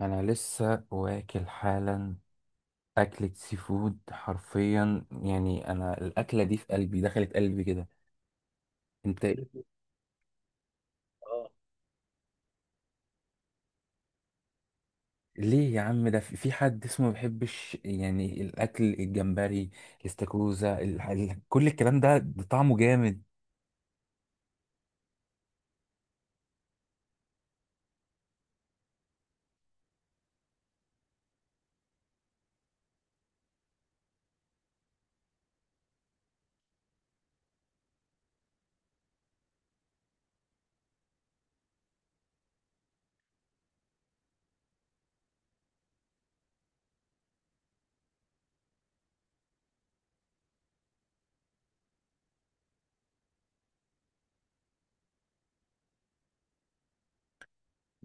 انا لسه واكل حالا. اكلة سي فود حرفيا، يعني انا الاكلة دي في قلبي، دخلت قلبي كده. انت؟ ليه يا عم، ده في حد اسمه ما بيحبش يعني الاكل؟ الجمبري، الاستاكوزا، كل الكلام ده طعمه جامد.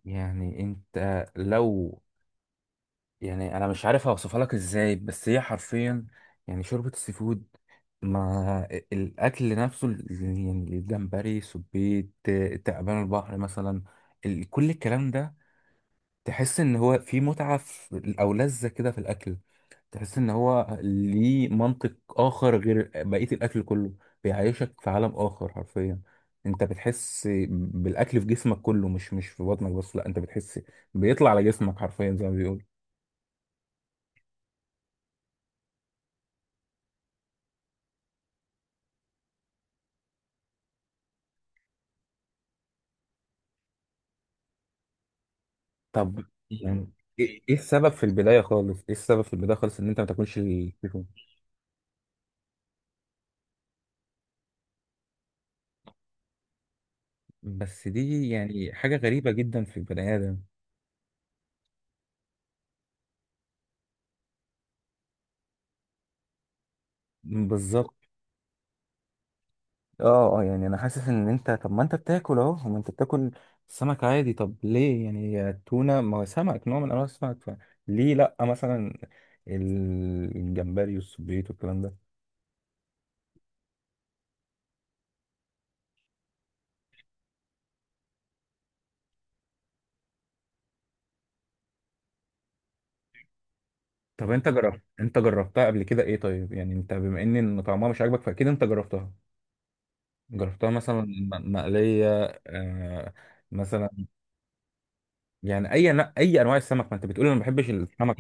يعني انت لو، يعني انا مش عارف اوصفها لك ازاي، بس هي حرفيا، يعني شوربة السي فود، ما الأكل نفسه يعني الجمبري، سبيت، تعبان البحر مثلا، كل الكلام ده، تحس إن هو في متعة أو لذة كده في الأكل، تحس إن هو ليه منطق آخر غير بقية الأكل كله، بيعيشك في عالم آخر حرفيا. أنت بتحس بالأكل في جسمك كله، مش في بطنك بس، لأ، أنت بتحس بيطلع على جسمك حرفيا زي ما بيقول. طب يعني إيه السبب في البداية خالص؟ إيه السبب في البداية خالص إن أنت ما تاكلش السي فود؟ بس دي يعني حاجة غريبة جدا في البني آدم. بالظبط. اه اه، يعني انا حاسس ان انت، طب ما انت بتاكل، اهو ما انت بتاكل سمك عادي، طب ليه يعني التونة ما هو سمك، نوع من أنواع السمك، فليه لأ مثلا الجمبري والسبيط والكلام ده؟ طب أنت جربت، أنت جربتها قبل كده إيه؟ طيب يعني أنت بما إن طعمها مش عاجبك فأكيد أنت جربتها، جربتها مثلا مقلية؟ آه. مثلا. يعني أي أي أنواع السمك، ما أنت بتقول أنا ما بحبش السمك.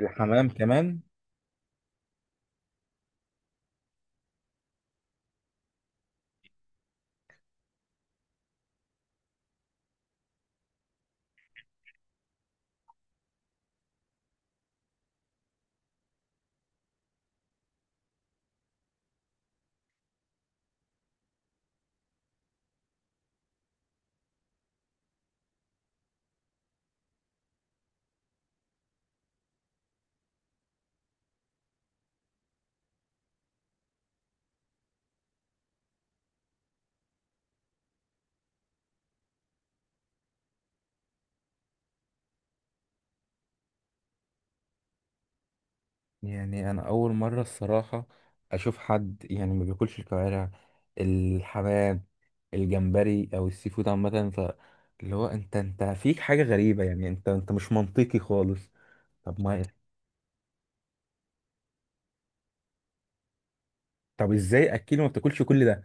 الحمام كمان؟ يعني انا اول مره الصراحه اشوف حد يعني ما بياكلش الكوارع، الحمام، الجمبري او السي فود عامه، ف اللي هو انت، انت فيك حاجه غريبه، يعني انت مش منطقي خالص. طب ما، طب ازاي اكيد ما بتاكلش كل ده؟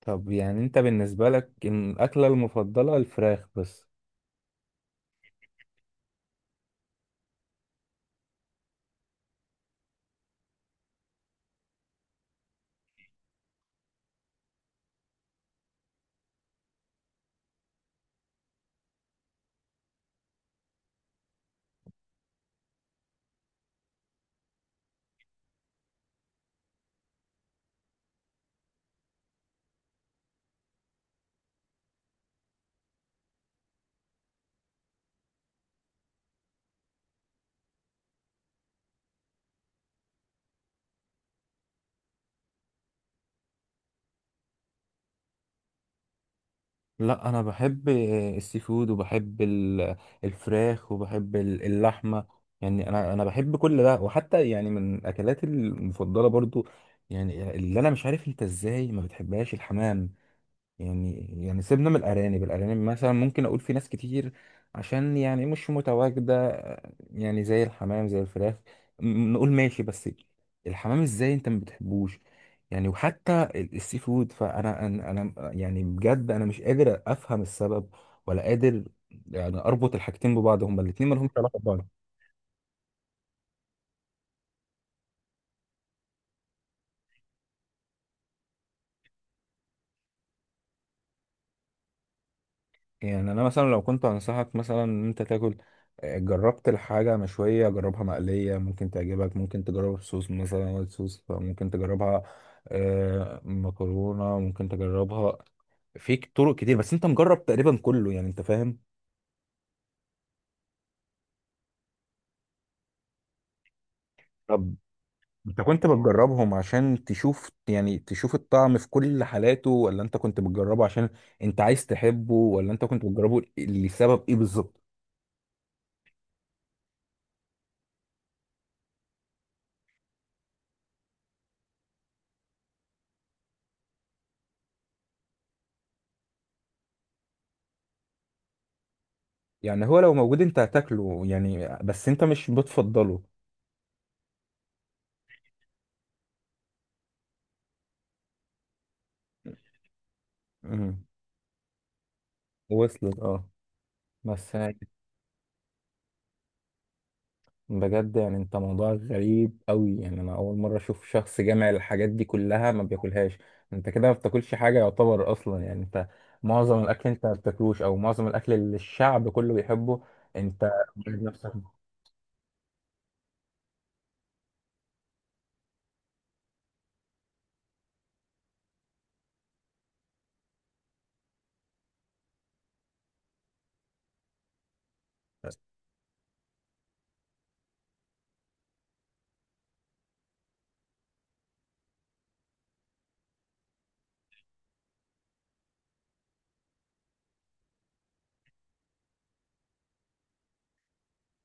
طب يعني انت بالنسبه لك إن الاكله المفضله الفراخ بس؟ لا انا بحب السي فود وبحب الفراخ وبحب اللحمه، يعني انا بحب كل ده، وحتى يعني من اكلاتي المفضله برضو. يعني اللي انا مش عارف انت ازاي ما بتحبهاش الحمام، يعني، يعني سيبنا من الأرانب، الأرانب مثلا ممكن أقول في ناس كتير عشان يعني مش متواجدة، يعني زي الحمام، زي الفراخ، نقول ماشي، بس الحمام إزاي أنت ما بتحبوش؟ يعني وحتى السي فود، فأنا أنا يعني بجد أنا مش قادر أفهم السبب، ولا قادر يعني أربط الحاجتين ببعض، هما الاتنين مالهمش علاقة ببعض. يعني انا مثلا لو كنت انصحك مثلا ان انت تاكل، جربت الحاجه مشويه، جربها مقليه ممكن تعجبك، ممكن تجربها بصوص مثلا وايت صوص ممكن تجربها، مكرونه ممكن تجربها، في طرق كتير، بس انت مجرب تقريبا كله، يعني انت فاهم. طب انت كنت بتجربهم عشان تشوف، يعني تشوف الطعم في كل حالاته، ولا انت كنت بتجربه عشان انت عايز تحبه، ولا انت كنت بتجربه لسبب ايه بالظبط؟ يعني هو لو موجود انت هتاكله يعني، بس انت مش بتفضله؟ مم. وصلت، اه، بس أنا، بجد يعني انت موضوع غريب قوي، يعني انا اول مره اشوف شخص جامع الحاجات دي كلها ما بياكلهاش، انت كده ما بتاكلش حاجه يعتبر اصلا، يعني انت معظم الاكل انت ما بتاكلوش، او معظم الاكل اللي الشعب كله بيحبه انت بتجيب نفسك.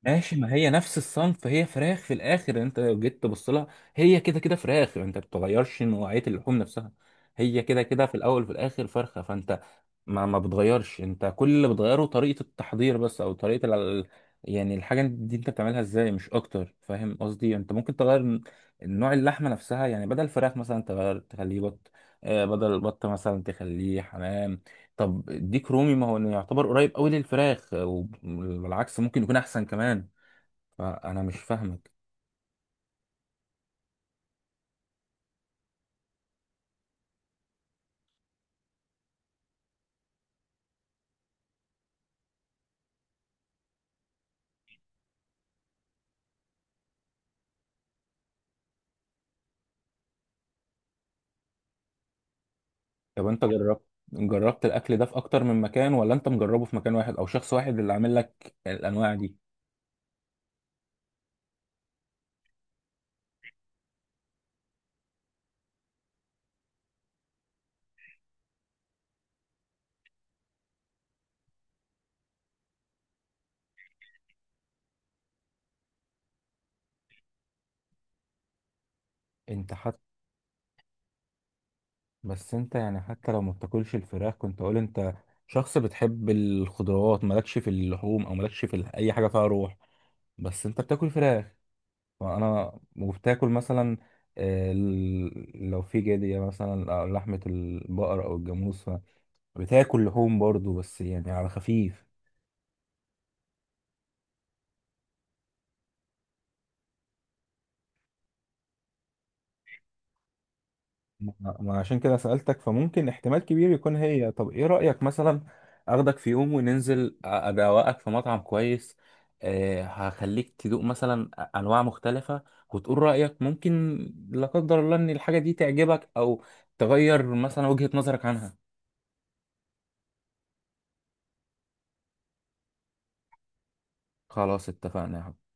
ماشي، ما هي نفس الصنف، فهي فراخ في الاخر، انت لو جيت تبص لها هي كده كده فراخ، انت ما بتغيرش نوعيه اللحوم نفسها، هي كده كده في الاول وفي الاخر فرخه، فانت ما بتغيرش، انت كل اللي بتغيره طريقه التحضير بس، او طريقه ال... يعني الحاجه دي انت بتعملها ازاي، مش اكتر، فاهم قصدي؟ انت ممكن تغير نوع اللحمه نفسها، يعني بدل الفراخ مثلا تغير تخليه بط، بدل البط مثلا تخليه حمام، طب ديك رومي ما هو يعتبر قريب قوي للفراخ، وبالعكس ممكن يكون احسن كمان، فانا مش فاهمك. طب انت جربت، جربت الاكل ده في اكتر من مكان، ولا انت مجربه في مكان واحد او شخص واحد اللي عامل لك الانواع دي؟ انت حتى، بس انت يعني حتى لو ما بتاكلش الفراخ كنت اقول انت شخص بتحب الخضروات، مالكش في اللحوم، او مالكش في اي حاجه فيها روح، بس انت بتاكل فراخ، وانا وبتاكل مثلا، لو في جديه مثلا أو لحمه البقر او الجاموس، فبتاكل لحوم برضو بس يعني على خفيف. ما ما عشان كده سألتك، فممكن احتمال كبير يكون هي. طب ايه رأيك مثلا اخدك في يوم وننزل، ادوقك في مطعم كويس؟ أه هخليك تدوق مثلا انواع مختلفة، وتقول رأيك، ممكن لا قدر الله ان الحاجة دي تعجبك، او تغير مثلا وجهة نظرك عنها. خلاص اتفقنا يا حبيبي.